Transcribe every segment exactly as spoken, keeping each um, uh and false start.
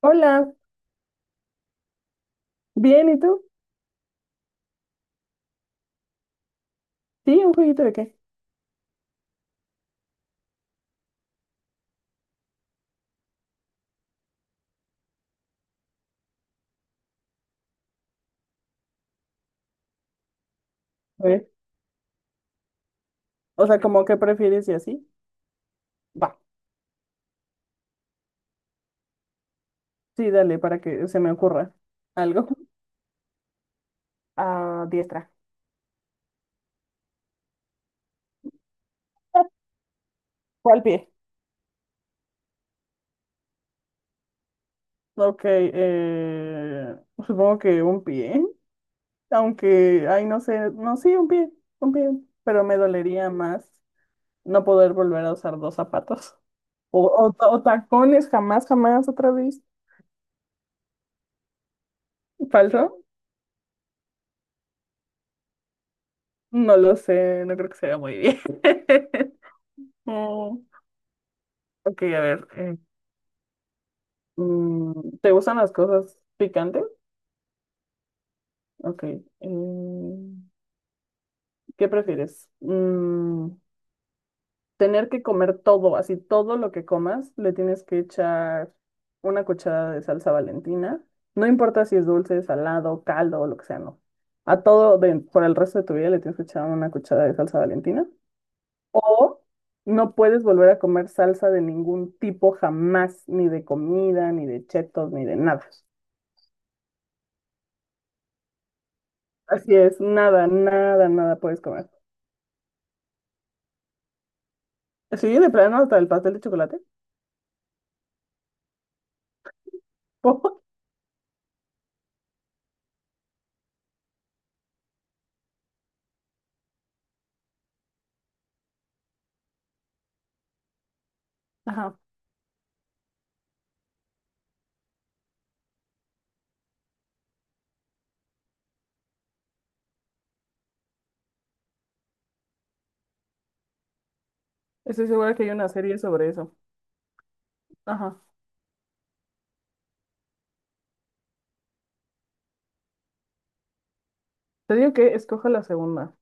Hola, bien, ¿y tú? Sí, ¿un jueguito de qué? A ver. O sea, como que prefieres y así. Va. Sí, dale, para que se me ocurra algo. A diestra. ¿Cuál pie? Ok, eh, supongo que un pie, aunque, ay, no sé, no, sí, un pie, un pie, pero me dolería más no poder volver a usar dos zapatos. O, o, ta- o tacones, jamás, jamás, otra vez. ¿Falso? No lo sé, no creo que sea muy bien. Mm. Ok, a ver. Mm, ¿Te gustan las cosas picantes? Ok. mm, ¿Qué prefieres? Mm, tener que comer todo, así todo lo que comas, le tienes que echar una cucharada de salsa Valentina. No importa si es dulce, salado, caldo o lo que sea, no. A todo de- por el resto de tu vida le tienes que echar una cucharada de salsa Valentina. O no puedes volver a comer salsa de ningún tipo jamás, ni de comida, ni de chetos, ni de nada. Así es, nada, nada, nada puedes comer. Sí, de plano hasta el pastel de chocolate. ¿Por? Ajá, estoy segura que hay una serie sobre eso. Ajá, te digo que escoja la segunda.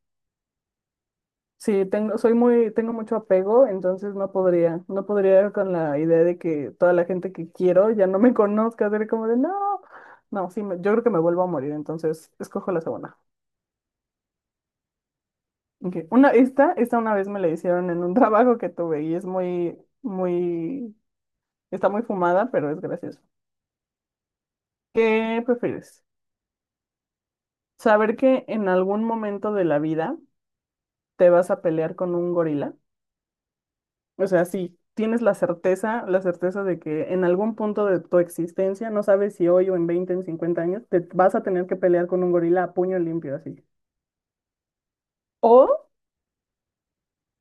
Sí, tengo, soy muy, tengo mucho apego, entonces no podría, no podría con la idea de que toda la gente que quiero ya no me conozca, ser como de no, no, sí, me- yo creo que me vuelvo a morir, entonces escojo la segunda. Ok. Una, esta, esta una vez me la hicieron en un trabajo que tuve y es muy, muy, está muy fumada, pero es gracioso. ¿Qué prefieres? ¿Saber que en algún momento de la vida te vas a pelear con un gorila? O sea, si tienes la certeza, la certeza de que en algún punto de tu existencia, no sabes si hoy o en veinte, en cincuenta años, te vas a tener que pelear con un gorila a puño limpio así. O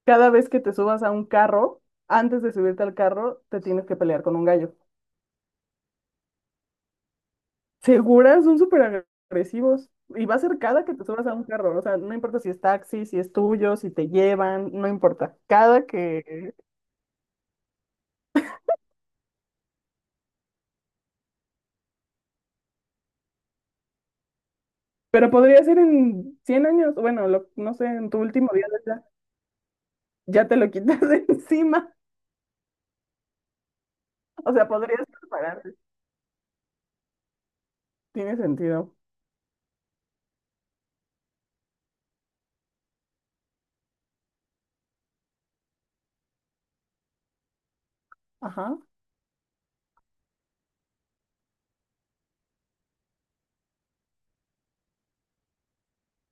cada vez que te subas a un carro, antes de subirte al carro, te tienes que pelear con un gallo. Seguras, son súper agresivos. Y va a ser cada que te subas a un carro. O sea, no importa si es taxi, si es tuyo, si te llevan, no importa. Cada que... Pero podría ser en cien años. Bueno, lo- no sé, en tu último día de vida, ya te lo quitas de encima. O sea, podrías prepararte. Tiene sentido. Ajá.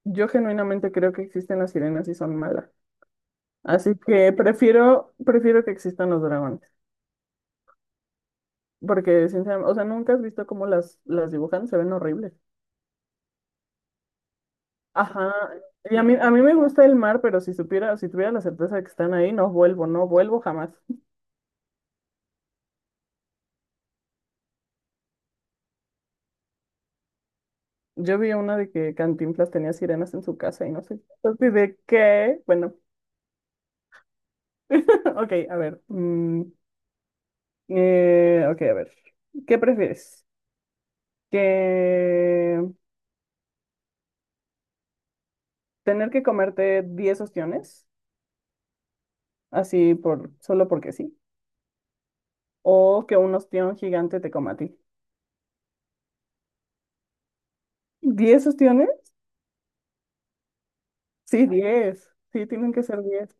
Yo genuinamente creo que existen las sirenas y son malas. Así que prefiero, prefiero que existan los dragones. Porque, sinceramente, o sea, nunca has visto cómo las, las dibujan, se ven horribles. Ajá. Y a mí, a mí me gusta el mar, pero si supiera, si tuviera la certeza de que están ahí, no vuelvo, no vuelvo jamás. Yo vi una de que Cantinflas tenía sirenas en su casa y no sé. Entonces, ¿de qué? Bueno, ok, a ver. Mm, eh, ok, a ver. ¿Qué prefieres? ¿Que tener que comerte diez ostiones, así por, solo porque sí? ¿O que un ostión gigante te coma a ti? ¿Diez ostiones? Sí, diez. Sí, tienen que ser diez.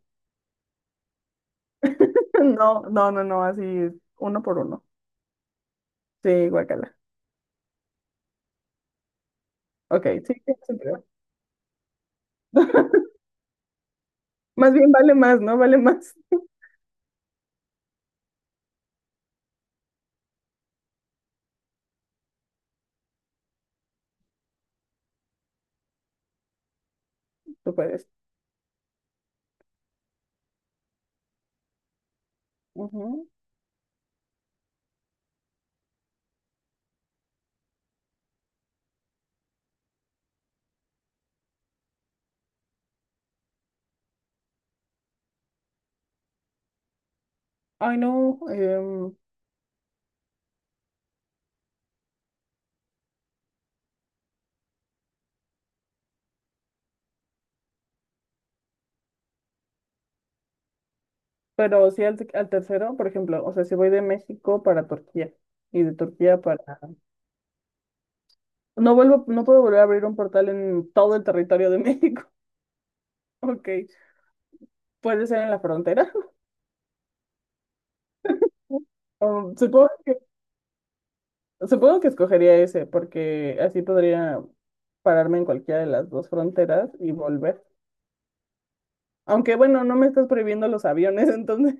No, no, no, no, así uno por uno. Sí, guacala. Ok, sí, tienes un. Más bien vale más, ¿no? Vale más. Tú puedes. Ujú. Ay, no. Em, pero sí al, al tercero, por ejemplo, o sea, si voy de México para Turquía y de Turquía para... No vuelvo, no puedo volver a abrir un portal en todo el territorio de México. Ok. Puede ser en la frontera. Um, supongo que, supongo que escogería ese, porque así podría pararme en cualquiera de las dos fronteras y volver. Aunque bueno, no me estás prohibiendo los aviones, entonces,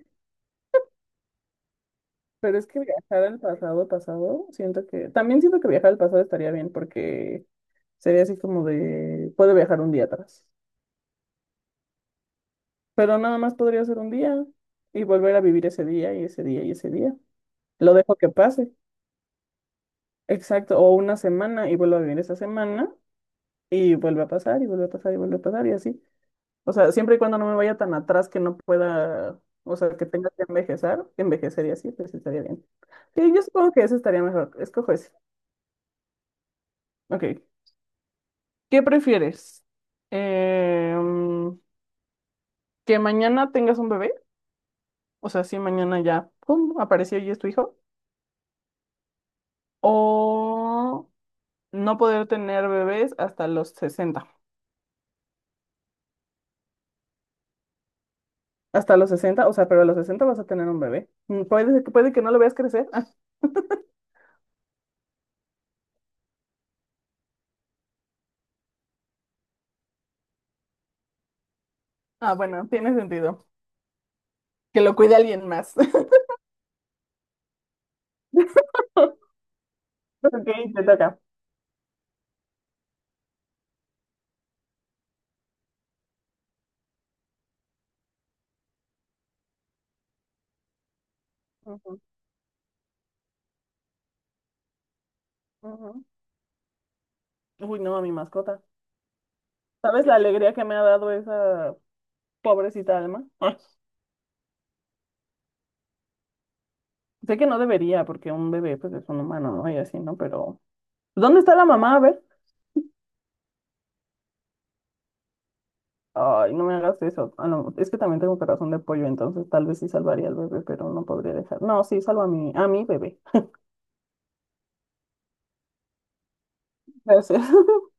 pero es que viajar al pasado, pasado, siento que, también siento que viajar al pasado estaría bien porque sería así como de, puedo viajar un día atrás, pero nada más podría ser un día y volver a vivir ese día y ese día y ese día. Lo dejo que pase, exacto, o una semana y vuelvo a vivir esa semana y vuelve a pasar y vuelve a pasar y vuelve a pasar y así. O sea, siempre y cuando no me vaya tan atrás que no pueda, o sea, que tenga que envejecer, que envejecería así, pues estaría bien. Sí, yo supongo que ese estaría mejor. Escojo ese. Ok. ¿Qué prefieres? Em, ¿Que mañana tengas un bebé? O sea, si mañana ya, pum, apareció y es tu hijo. ¿O no poder tener bebés hasta los sesenta? Hasta los sesenta, o sea, pero a los sesenta vas a tener un bebé. Mm, Puede, puede que no lo veas crecer. Ah, bueno, tiene sentido. Que lo cuide alguien más. Ok, te toca. Ujú, ujú. Uy, no, a mi mascota. ¿Sabes la alegría que me ha dado esa pobrecita alma? Ah. Sé que no debería, porque un bebé pues es un humano, ¿no? Y así, ¿no? Pero ¿dónde está la mamá? A ver. Ay, no me hagas eso. Ah, no, es que también tengo corazón de pollo, entonces tal vez sí salvaría al bebé, pero no podría dejar. No, sí, salvo a mi, a mi bebé. Gracias.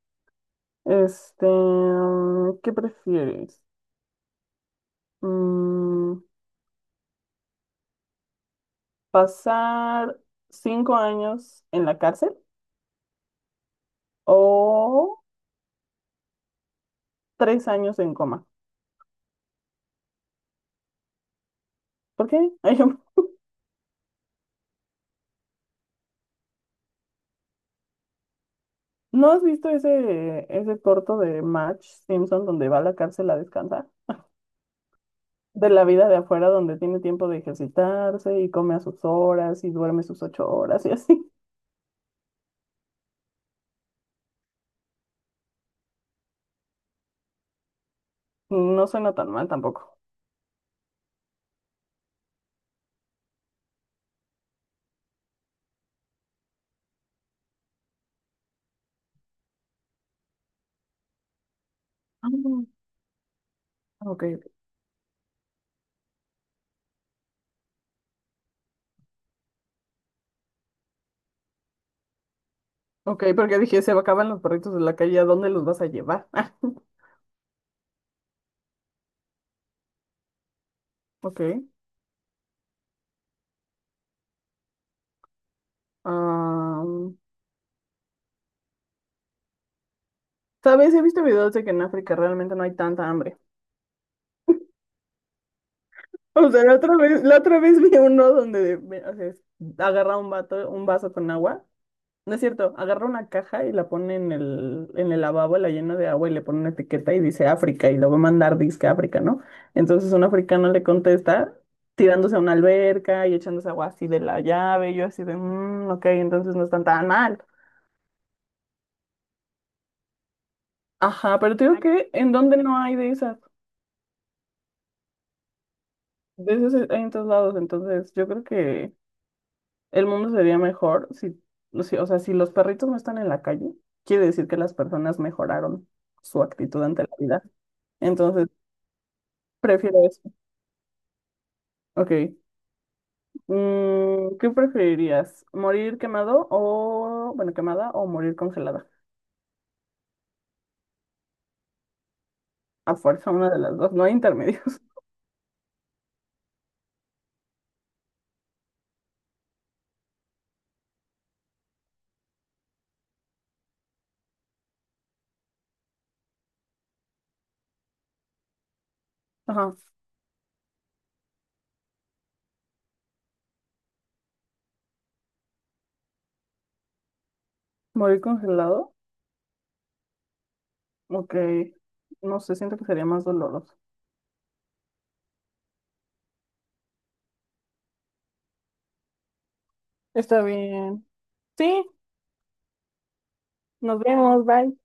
Este, mm, ¿qué prefieres? Mm, ¿Pasar cinco años en la cárcel o tres años en coma? ¿Por qué? Ay. ¿No has visto ese, ese corto de Match Simpson donde va a la cárcel a descansar? De la vida de afuera donde tiene tiempo de ejercitarse y come a sus horas y duerme sus ocho horas y así. No suena tan mal tampoco. Ah. Ok, ok, porque dije, se acaban los perritos de la calle, ¿a dónde los vas a llevar? Ok. am, ¿Sabes? He visto videos de que en África realmente no hay tanta hambre. O sea, la otra vez, la otra vez vi uno donde ve- o sea, es- agarra un vato, un vaso con agua. No es cierto, agarra una caja y la pone en el, en el lavabo, la llena de agua y le pone una etiqueta y dice África y lo va a mandar disque a África, ¿no? Entonces un africano le contesta tirándose a una alberca y echándose agua así de la llave. Y yo así de, "Mm, ok, entonces no están tan mal". Ajá, pero te digo que en donde no hay de esas, de esas hay en todos lados. Entonces yo creo que el mundo sería mejor si, si- o sea, si los perritos no están en la calle, quiere decir que las personas mejoraron su actitud ante la vida. Entonces, prefiero eso. Ok. Mm, ¿qué preferirías? ¿Morir quemado o, bueno, quemada o morir congelada? A fuerza, una de las dos, no hay intermedios. Ajá. ¿Morir congelado? Ok. No sé, siento que sería más doloroso. Está bien. Sí, nos vemos, bye.